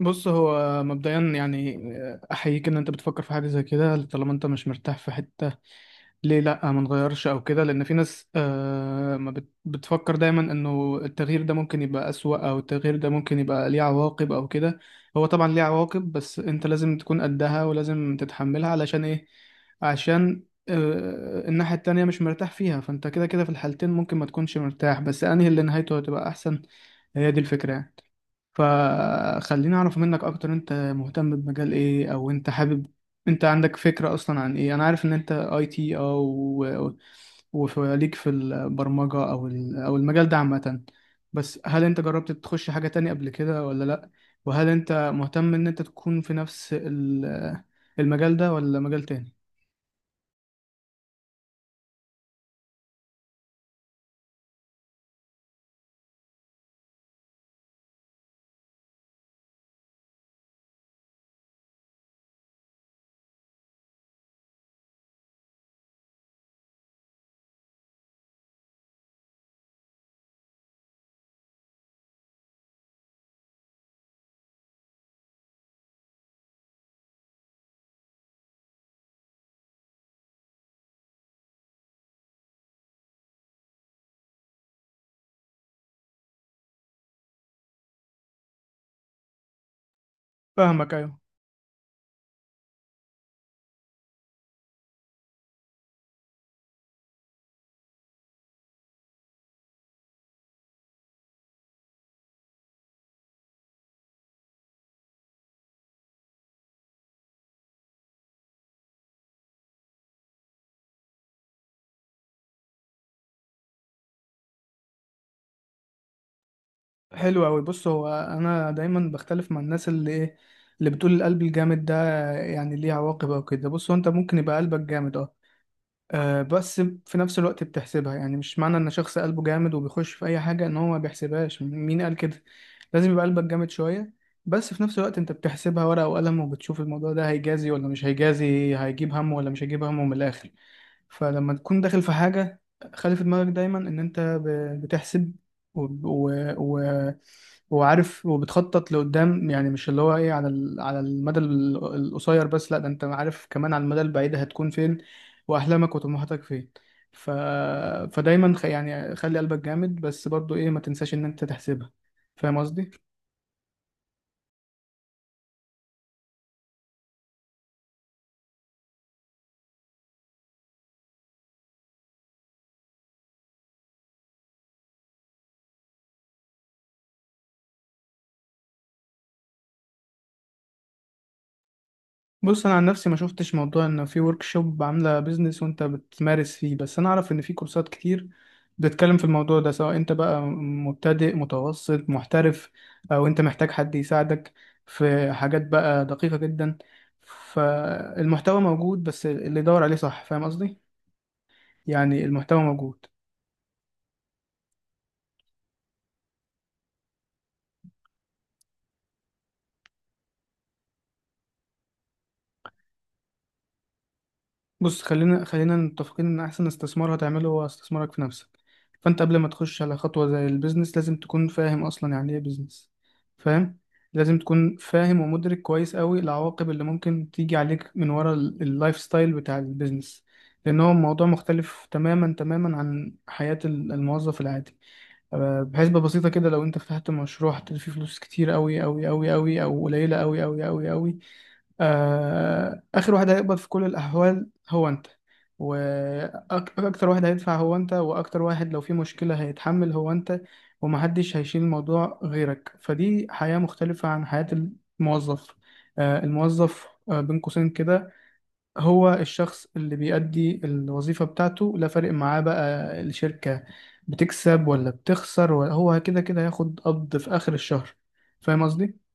بص، هو مبدئيا يعني احييك ان انت بتفكر في حاجه زي كده طالما انت مش مرتاح في حته. ليه لا ما نغيرش او كده، لان في ناس ما بتفكر دايما انه التغيير ده ممكن يبقى اسوأ او التغيير ده ممكن يبقى ليه عواقب او كده. هو طبعا ليه عواقب، بس انت لازم تكون قدها ولازم تتحملها علشان ايه؟ عشان الناحيه التانية مش مرتاح فيها، فانت كده كده في الحالتين ممكن ما تكونش مرتاح، بس انهي اللي نهايته هتبقى احسن. هي دي الفكره يعني. فخليني اعرف منك اكتر، انت مهتم بمجال ايه او انت حابب انت عندك فكرة اصلا عن ايه؟ انا عارف ان انت اي تي، او وفليك في البرمجة او المجال ده عامة، بس هل انت جربت تخش حاجة تانية قبل كده ولا لا؟ وهل انت مهتم ان انت تكون في نفس المجال ده ولا مجال تاني؟ فاهمك، ايوه. حلو أوي. بص هو أنا دايما بختلف مع الناس اللي إيه، اللي بتقول القلب الجامد ده يعني ليه عواقب أو كده. بص، هو أنت ممكن يبقى قلبك جامد، أه، بس في نفس الوقت بتحسبها. يعني مش معنى ان شخص قلبه جامد وبيخش في اي حاجه ان هو ما بيحسبهاش. مين قال كده؟ لازم يبقى قلبك جامد شويه، بس في نفس الوقت انت بتحسبها ورقه وقلم، وبتشوف الموضوع ده هيجازي ولا مش هيجازي، هيجيب همه ولا مش هيجيب همه، من الاخر. فلما تكون داخل في حاجه، خلي في دماغك دايما ان انت بتحسب وب- و... و... وعارف، وبتخطط لقدام، يعني مش اللي هو ايه على على المدى القصير بس، لا، ده انت عارف كمان على المدى البعيد هتكون فين، واحلامك وطموحاتك فين. ف... فدايما يعني خلي قلبك جامد، بس برضو ايه، ما تنساش ان انت تحسبها. فاهم قصدي؟ بص، انا عن نفسي ما شفتش موضوع ان في ورك شوب عامله بيزنس وانت بتمارس فيه، بس انا اعرف ان في كورسات كتير بتتكلم في الموضوع ده، سواء انت بقى مبتدئ متوسط محترف، او انت محتاج حد يساعدك في حاجات بقى دقيقة جدا. فالمحتوى موجود، بس اللي يدور عليه صح. فاهم قصدي؟ يعني المحتوى موجود. بص، خلينا متفقين ان احسن استثمار هتعمله هو استثمارك في نفسك. فانت قبل ما تخش على خطوة زي البيزنس لازم تكون فاهم اصلا يعني ايه بيزنس. فاهم؟ لازم تكون فاهم ومدرك كويس قوي العواقب اللي ممكن تيجي عليك من ورا اللايف ستايل بتاع البيزنس، لان هو موضوع مختلف تماما تماما عن حياة الموظف العادي. بحسبة بسيطة كده، لو انت فتحت مشروع هتلاقي فيه فلوس كتير قوي قوي قوي قوي، او قليلة قوي قوي قوي قوي. آخر واحد هيقبض في كل الأحوال هو أنت، وأكتر واحد هيدفع هو أنت، وأكتر واحد لو في مشكلة هيتحمل هو أنت، ومحدش هيشيل الموضوع غيرك. فدي حياة مختلفة عن حياة الموظف. الموظف، بين قوسين كده، هو الشخص اللي بيأدي الوظيفة بتاعته، لا فارق معاه بقى الشركة بتكسب ولا بتخسر هو كده كده هياخد قبض في آخر الشهر. فاهم قصدي؟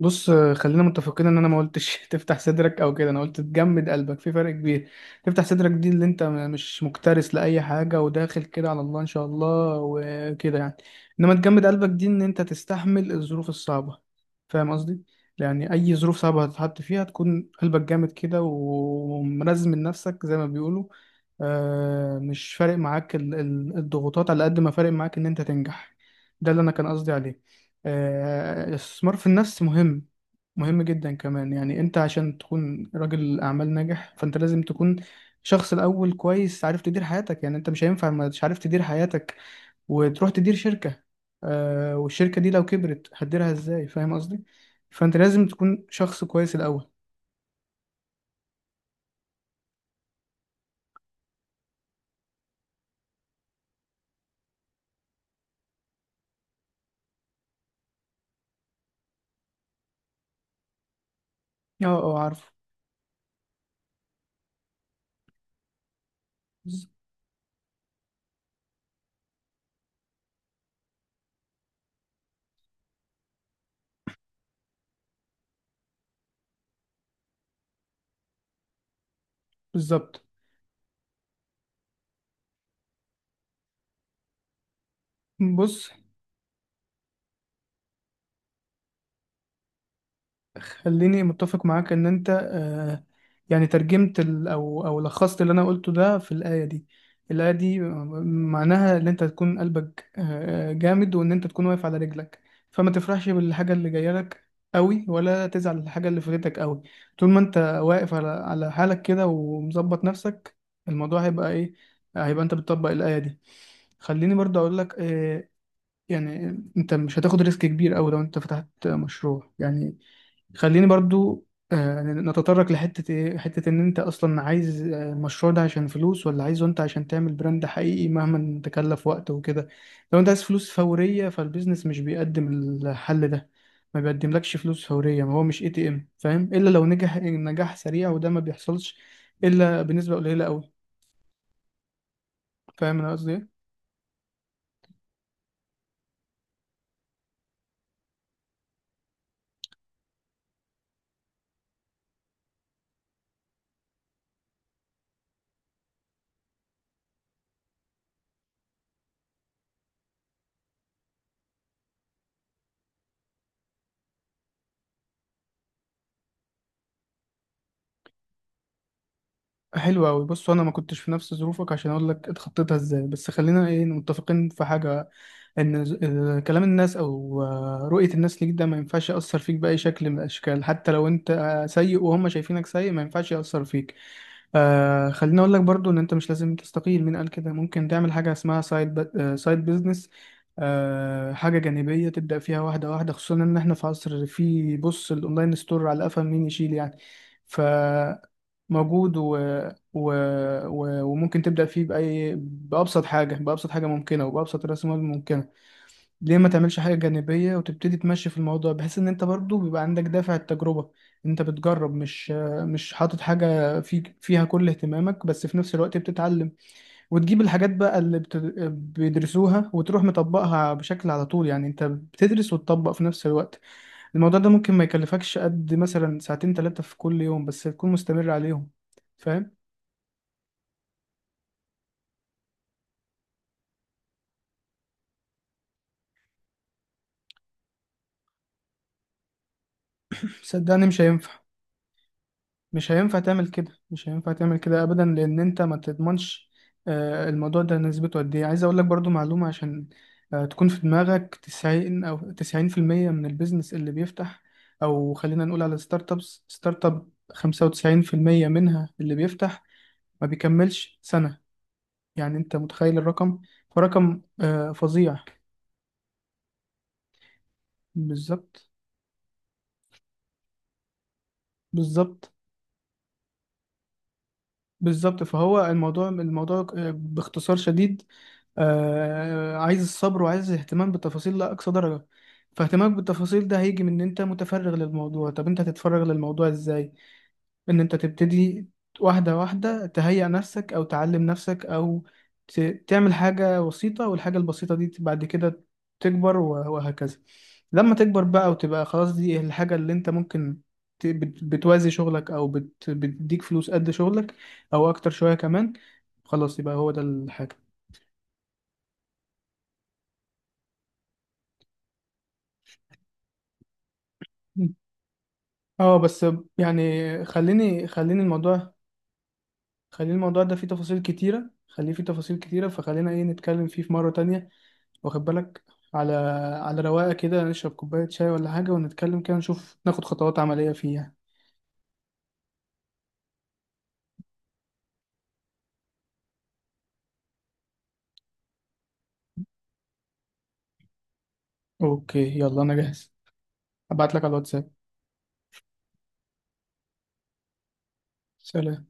بص، خلينا متفقين ان انا ما قلتش تفتح صدرك او كده. انا قلت تجمد قلبك، في فرق كبير. تفتح صدرك دي اللي انت مش مكترث لاي حاجه، وداخل كده على الله ان شاء الله وكده يعني. انما تجمد قلبك دي ان انت تستحمل الظروف الصعبه. فاهم قصدي؟ يعني اي ظروف صعبه هتتحط فيها تكون قلبك جامد كده، ومرزم من نفسك زي ما بيقولوا. مش فارق معاك الضغوطات على قد ما فارق معاك ان انت تنجح. ده اللي انا كان قصدي عليه. الاستثمار في النفس مهم، مهم جدا كمان. يعني انت عشان تكون راجل اعمال ناجح، فانت لازم تكون شخص الاول كويس، عارف تدير حياتك. يعني انت مش هينفع ما مش عارف تدير حياتك وتروح تدير شركة. والشركة دي لو كبرت هتديرها ازاي؟ فاهم قصدي؟ فانت لازم تكون شخص كويس الاول. اه. اه، عارف. بالظبط. بص، خليني متفق معاك ان انت يعني ترجمت ال- او او لخصت اللي انا قلته ده في الايه دي. الايه دي معناها ان انت تكون قلبك جامد، وان انت تكون واقف على رجلك. فما تفرحش بالحاجه اللي جايه لك قوي، ولا تزعل الحاجه اللي فاتتك قوي. طول ما انت واقف على حالك كده ومظبط نفسك، الموضوع هيبقى ايه؟ هيبقى انت بتطبق الايه دي. خليني برضه اقول لك يعني انت مش هتاخد ريسك كبير قوي لو انت فتحت مشروع يعني. خليني برضو نتطرق لحتة ايه، حتة ان انت اصلا عايز المشروع ده عشان فلوس، ولا عايزه انت عشان تعمل براند حقيقي مهما تكلف وقت وكده. لو انت عايز فلوس فورية، فالبيزنس مش بيقدم الحل ده. ما بيقدملكش فلوس فورية، ما هو مش اي تي ام. فاهم؟ الا لو نجح نجاح سريع، وده ما بيحصلش الا بنسبة قليلة قوي. فاهم انا قصدي ايه؟ حلو قوي. بص، انا ما كنتش في نفس ظروفك عشان اقول لك اتخطيتها ازاي، بس خلينا ايه متفقين في حاجة: ان إن كلام الناس او رؤية الناس ليك، ده ما ينفعش يأثر فيك بأي شكل من الأشكال. حتى لو انت سيء وهم شايفينك سيء، ما ينفعش يأثر فيك. خليني اقول لك برضو ان انت مش لازم تستقيل. مين قال كده؟ ممكن تعمل حاجة اسمها سايد بيزنس. حاجة جانبية تبدأ فيها واحدة واحدة، خصوصا ان احنا في عصر، في بص الاونلاين ستور على قفا مين يشيل يعني. فموجود، و... و... و... وممكن تبدأ فيه بأي بأبسط حاجة بأبسط حاجة ممكنة، وبأبسط رأس مال ممكنة. ليه ما تعملش حاجة جانبية وتبتدي تمشي في الموضوع، بحيث ان انت برضو بيبقى عندك دافع التجربة. انت بتجرب، مش حاطط حاجة فيها كل اهتمامك، بس في نفس الوقت بتتعلم، وتجيب الحاجات بقى اللي بيدرسوها، وتروح مطبقها بشكل على طول. يعني انت بتدرس وتطبق في نفس الوقت. الموضوع ده ممكن ما يكلفكش قد مثلا ساعتين ثلاثة في كل يوم، بس تكون مستمر عليهم. فاهم؟ صدقني مش هينفع. مش هينفع تعمل كده، مش هينفع تعمل كده ابدا، لان انت ما تضمنش الموضوع ده نسبته قد ايه. عايز اقول لك برضو معلومة، عشان تكون في دماغك: 90 او 90% من البيزنس اللي بيفتح، او خلينا نقول على ستارت ابس ستارت اب، 95% منها اللي بيفتح ما بيكملش سنة. يعني انت متخيل الرقم؟ فرقم فظيع. بالظبط. بالظبط. بالظبط. فهو الموضوع، باختصار شديد، عايز الصبر وعايز اهتمام بالتفاصيل لأقصى درجة. فاهتمامك بالتفاصيل ده هيجي من ان انت متفرغ للموضوع. طب انت هتتفرغ للموضوع ازاي؟ ان انت تبتدي واحدة واحدة، تهيئ نفسك او تعلم نفسك، او ت- تعمل حاجة بسيطة، والحاجة البسيطة دي بعد كده تكبر، و- وهكذا. لما تكبر بقى، وتبقى خلاص دي الحاجة اللي انت ممكن بتوازي شغلك، او بتديك فلوس قد شغلك، او اكتر شوية كمان، خلاص يبقى هو ده الحاجة. مم. اه، بس يعني خليني الموضوع، خليني الموضوع ده فيه تفاصيل كتيرة، خليه فيه تفاصيل كتيرة، فخلينا ايه نتكلم فيه في مرة تانية. واخد بالك؟ على رواقه كده، نشرب كوبايه شاي ولا حاجه، ونتكلم كده، نشوف ناخد خطوات عمليه فيها. اوكي، يلا انا جاهز. ابعت لك على الواتساب. سلام.